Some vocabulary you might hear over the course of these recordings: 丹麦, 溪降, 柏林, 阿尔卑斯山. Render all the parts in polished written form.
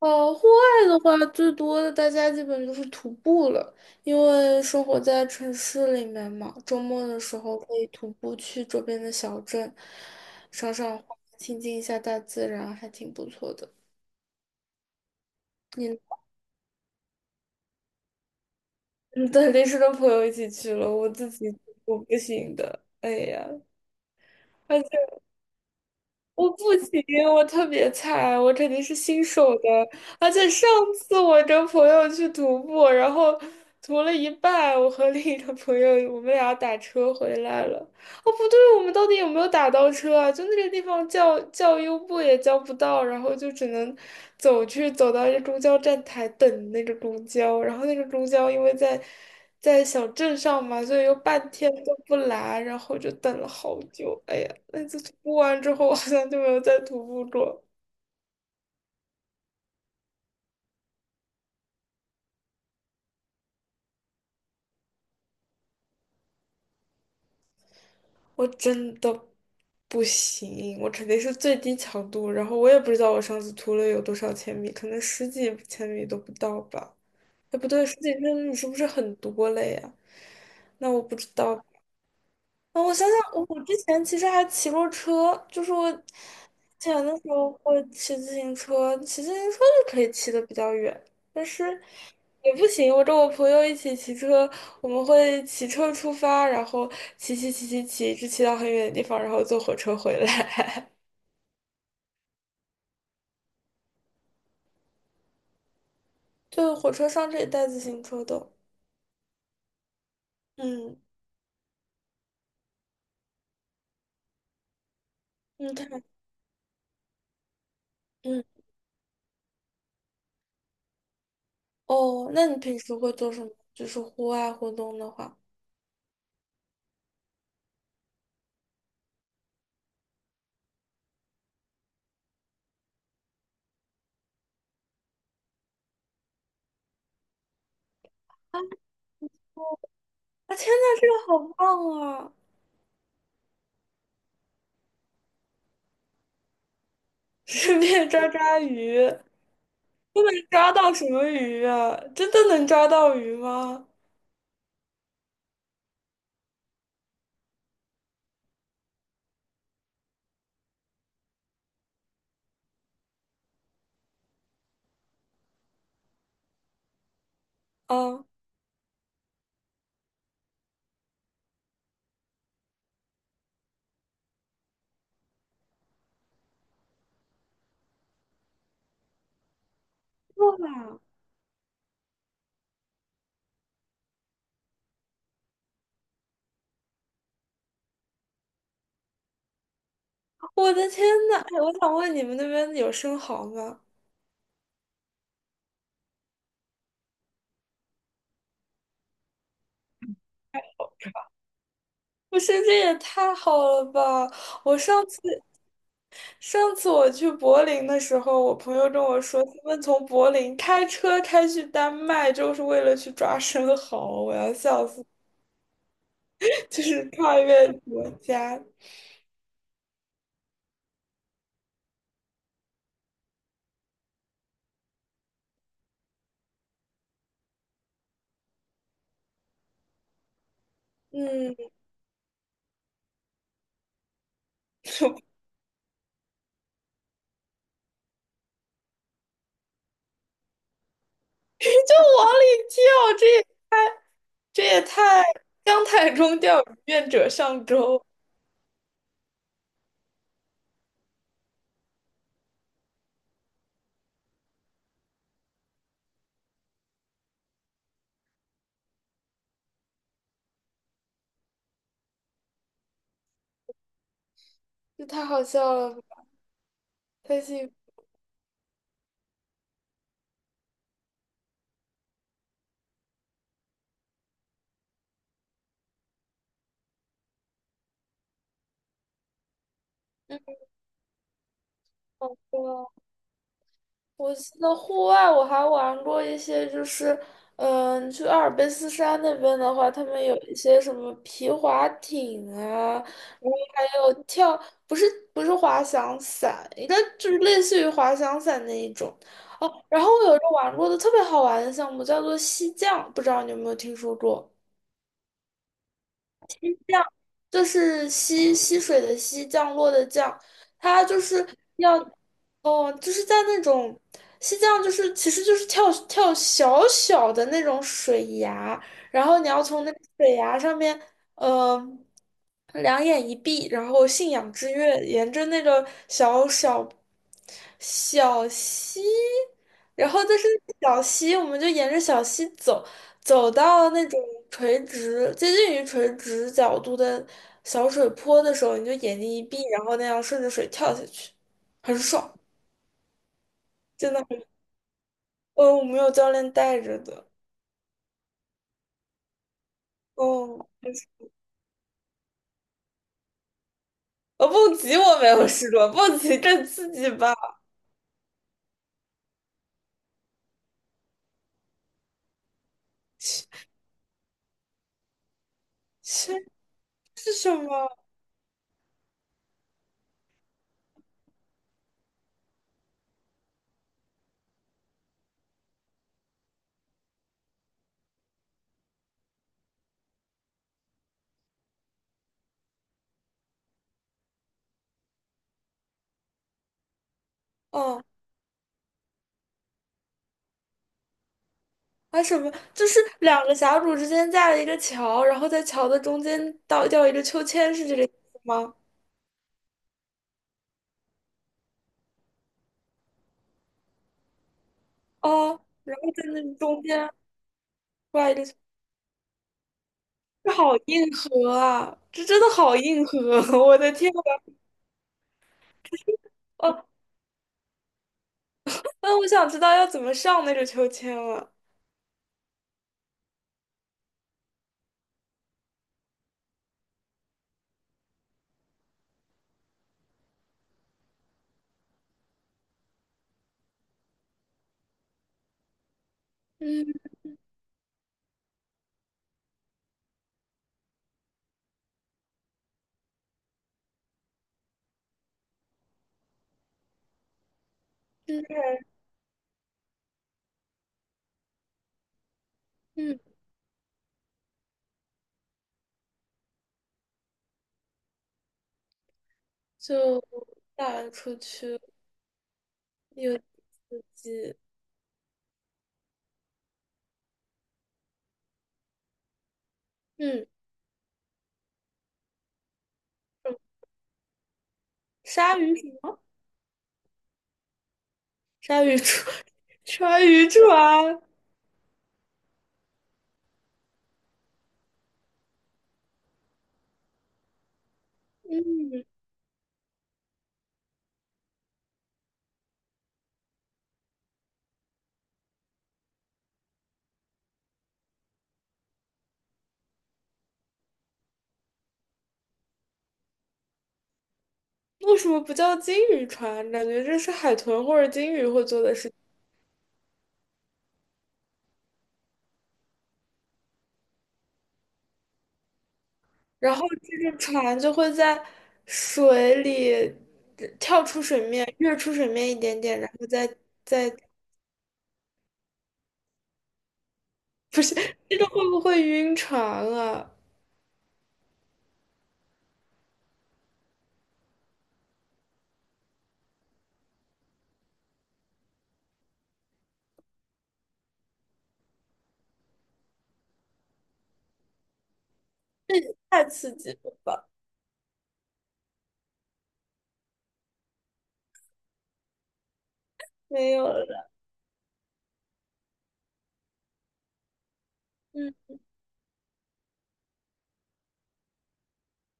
哦，户外的话，最多的大家基本就是徒步了，因为生活在城市里面嘛，周末的时候可以徒步去周边的小镇，赏赏花，亲近一下大自然，还挺不错的。你你肯定是跟 朋友一起去了，我自己我不行的，哎呀。我不行，我特别菜，我肯定是新手的。而且上次我跟朋友去徒步，然后徒了一半，我和另一个朋友，我们俩打车回来了。哦，不对，我们到底有没有打到车啊？就那个地方叫优步也叫不到，然后就只能走到一个公交站台等那个公交，然后那个公交因为在小镇上嘛，所以又半天都不来，然后就等了好久。哎呀，那次徒步完之后，我好像就没有再徒步过。我真的不行，我肯定是最低强度，然后我也不知道我上次徒了有多少千米，可能十几千米都不到吧。哎，不对，十几天你是不是很多了呀？那我不知道啊，我想想，我之前其实还骑过车，就是我之前的时候会骑自行车，骑自行车就可以骑的比较远，但是也不行。我跟我朋友一起骑车，我们会骑车出发，然后骑骑骑骑骑，一直骑到很远的地方，然后坐火车回来。对，火车上这以带自行车的。嗯嗯，它嗯。哦，那你平时会做什么？就是户外活动的话，啊，天呐，这个好棒啊！顺便抓抓鱼，都能抓到什么鱼啊？真的能抓到鱼吗？啊，哇！我的天呐，哎，我想问你们那边有生蚝吗？不是，这也太好了吧！我上次我去柏林的时候，我朋友跟我说，他们从柏林开车开去丹麦，就是为了去抓生蚝，我要笑死。就是跨越国家，嗯，就往里跳，这也太，这也太姜太中钓鱼愿者上钩，这太好笑了太幸福，太好笑了。我记得户外我还玩过一些，就是嗯，去阿尔卑斯山那边的话，他们有一些什么皮划艇啊，然后还有跳，不是不是滑翔伞，应该就是类似于滑翔伞那一种。哦，然后我有一个玩过的特别好玩的项目，叫做溪降，不知道你有没有听说过？就是溪，溪水的溪，降落的降，它就是要，哦，就是在那种溪降，就是其实就是跳跳小小的那种水崖，然后你要从那个水崖上面，呃，两眼一闭，然后信仰之跃，沿着那个小溪，然后但是小溪，我们就沿着小溪走，走到那种垂直、接近于垂直角度的小水坡的时候，你就眼睛一闭，然后那样顺着水跳下去，很爽，真的很。嗯，我没有教练带着的。哦，蹦极我没有试过，蹦极更刺激吧？是是是什么？哦，还什么？就是两个峡谷之间架了一个桥，然后在桥的中间倒吊一个秋千，是这个意思吗？哦，然后在那中间挂一个。这好硬核啊！这真的好硬核，我的天呐！哦，那我想知道要怎么上那个秋千了。嗯嗯嗯，就打出去，有刺激。嗯，嗯鲨鱼船，鲨鱼船，鲨鱼船。嗯，为什么不叫金鱼船？感觉这是海豚或者金鱼会做的事情。然后这个船就会在水里跳出水面，跃出水面一点点，然后再再。这个会不会晕船啊？太刺激了吧！没有了，嗯，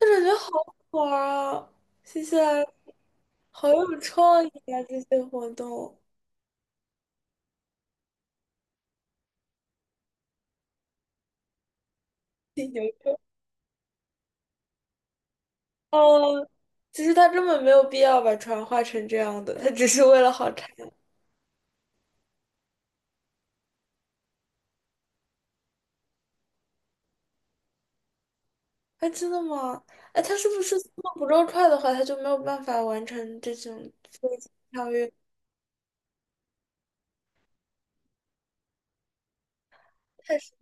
我感觉好好玩儿啊！谢谢，好有创意啊！这些活动，有哦，其实他根本没有必要把船画成这样的，他只是为了好看。哎，真的吗？哎，他是不是速度不够快的话，他就没有办法完成这种飞行跳跃？太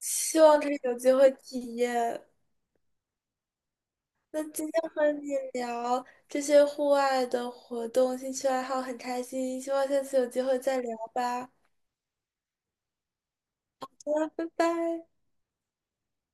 希望他有机会体验。那今天和你聊这些户外的活动、兴趣爱好，很开心，希望下次有机会再聊吧，拜拜。